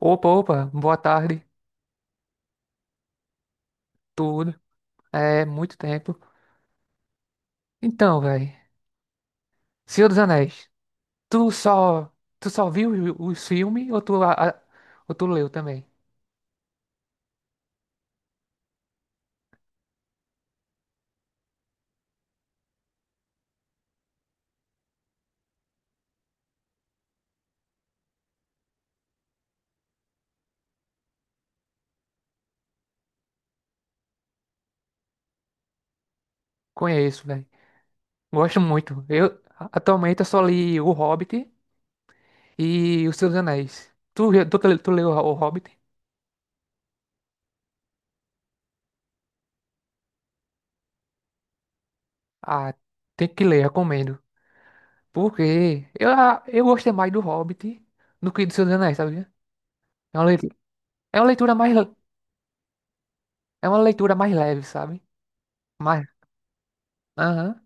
Opa, opa, boa tarde, tudo. É muito tempo. Então, velho, Senhor dos Anéis, tu só, tu só viu os filmes ou tu leu também? Conheço, velho. Gosto muito. Eu atualmente eu só li O Hobbit e os Senhor dos Anéis. Tu leu O Hobbit? Ah, tem que ler, recomendo. Porque eu gostei mais do Hobbit do que do Senhor dos Anéis, sabia? É uma leitura, é uma leitura mais, le- é uma leitura mais leve, sabe? Mais, aham.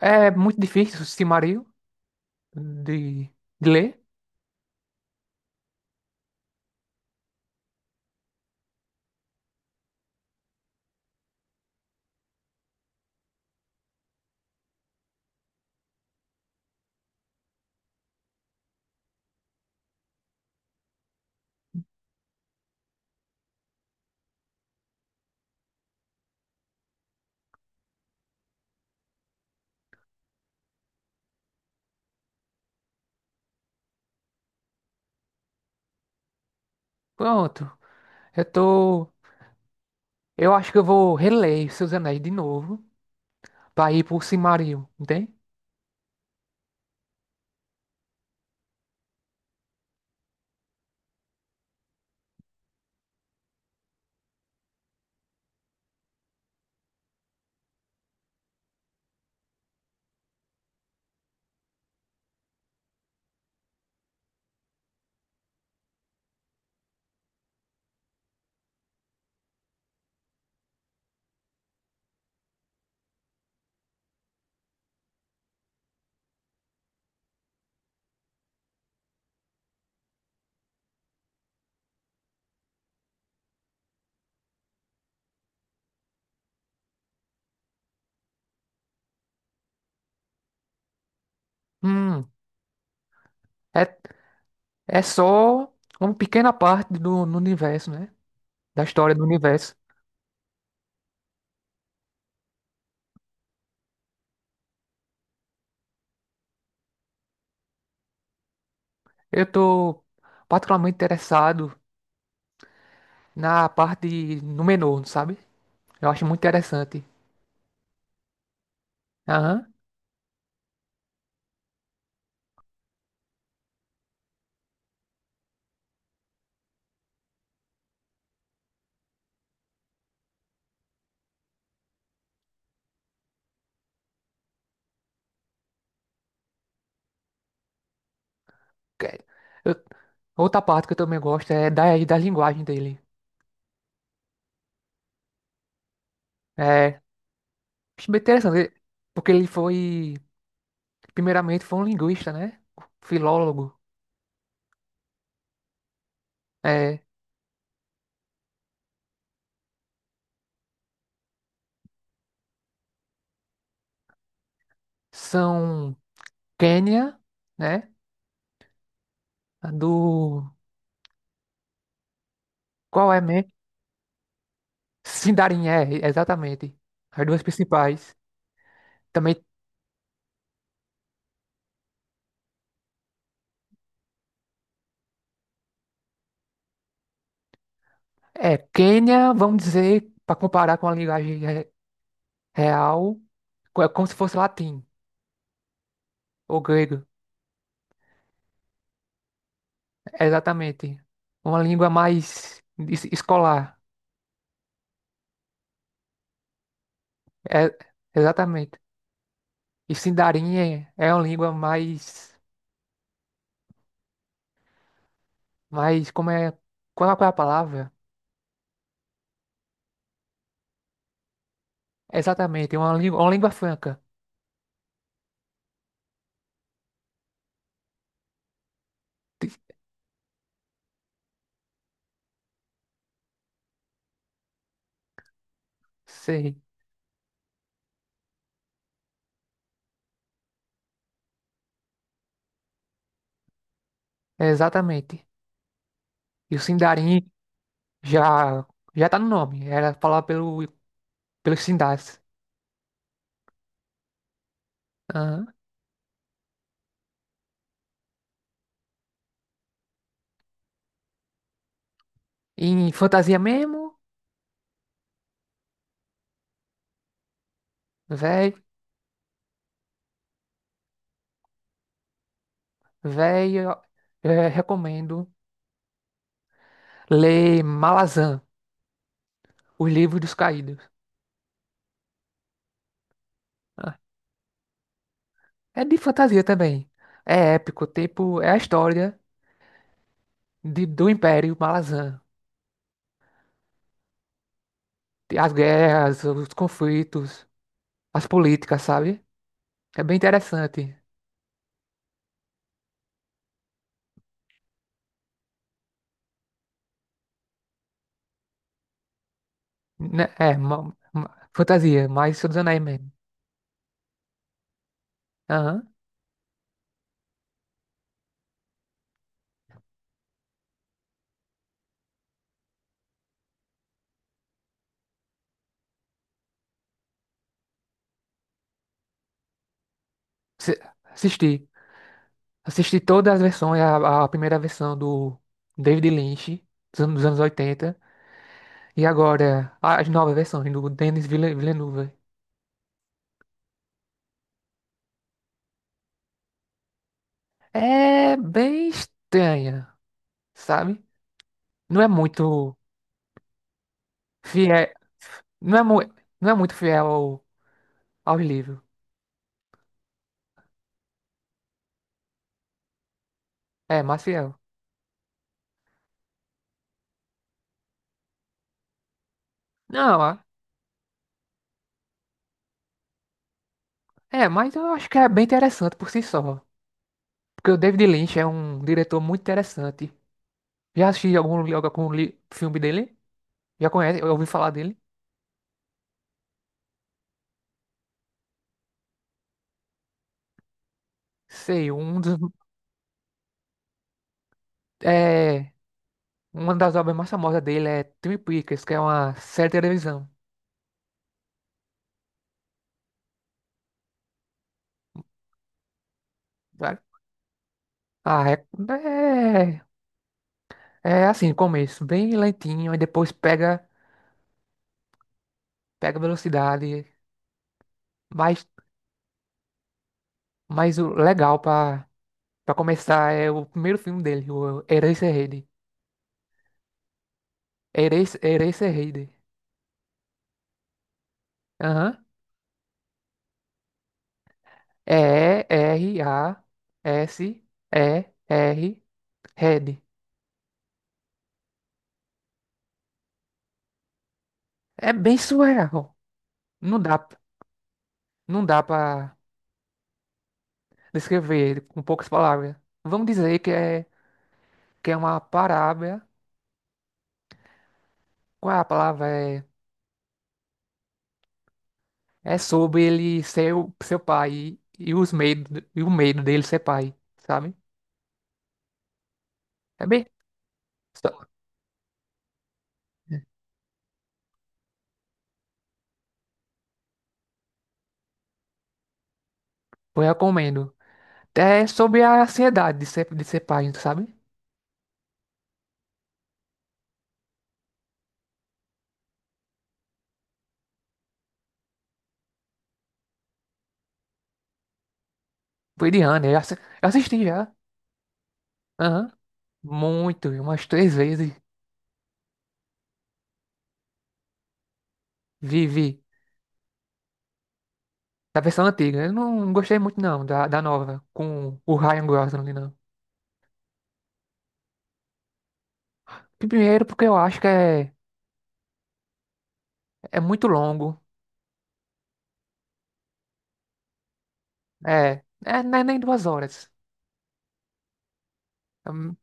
É muito difícil o Silmarillion de, de ler. Pronto, eu tô. Eu acho que eu vou reler Seus Anéis de novo pra ir pro Silmarillion, entende? Hum, é, é só uma pequena parte do no universo, né? Da história do universo. Eu tô particularmente interessado na parte de Númenor, sabe? Eu acho muito interessante. Aham. Que- eu- Outra parte que eu também gosto é da linguagem dele. É. Acho bem interessante, porque ele foi, primeiramente, foi um linguista, né? Filólogo. É, são Quênia, né? A Do. Qual é mesmo? Sindarin, é, exatamente. As duas principais. Também é Quênia, vamos dizer, para comparar com a linguagem real, é como se fosse latim ou grego. Exatamente. Uma língua mais escolar. É, exatamente. E Sindarin é uma língua mais. Mas como é. Qual é a palavra? Exatamente, é uma língua franca. Ti- Sei, é exatamente. E o Sindarin já, já tá no nome, era falado pelos Sindars. Aham. E em fantasia mesmo, velho, velho, recomendo ler Malazan, Os Livros dos Caídos. Ah, é de fantasia também. É épico, tipo, é a história do Império Malazan. As guerras, os conflitos, as políticas, sabe? É bem interessante. Né? É, fantasia, mais Senhor dos Anéis mesmo. Aham. Se- Assisti. Assisti todas as versões, a primeira versão do David Lynch, dos anos 80, e agora as novas versões do Denis Villeneuve. É bem estranha, sabe? Não é muito fiel. Não é, mu não é muito fiel ao livro. É, mais fiel. Não, mas eu acho que é bem interessante por si só. Porque o David Lynch é um diretor muito interessante. Já assisti algum filme dele? Já conhece? Eu ouvi falar dele? Sei, é, uma das obras mais famosas dele é Twin Peaks, que é uma série de televisão. Sabe? Ah, é, é assim, começo bem lentinho, e depois pega velocidade. Mas, mas o legal pra começar é o primeiro filme dele, o Eraserhead. Eraserhead. E-R-A-S-E-R, Red. É bem surreal. Não dá, não dá para descrever com poucas palavras. Vamos dizer que é uma parábola. Qual é a palavra? É sobre ele ser seu pai e o medo dele ser pai, sabe? É bem. só- Eu recomendo. É sobre a ansiedade de ser pai, sabe? Foi de Ana, eu assisti já. Aham. Muito, umas três vezes. Vi, vi. Da versão antiga. Eu não gostei muito, não, da nova, com o Ryan Gosling não. Primeiro, porque eu acho que é muito longo. É, é, não é nem 2 horas. Hum,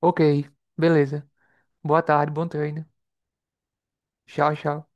ok, beleza. Boa tarde, bom treino. Tchau, tchau.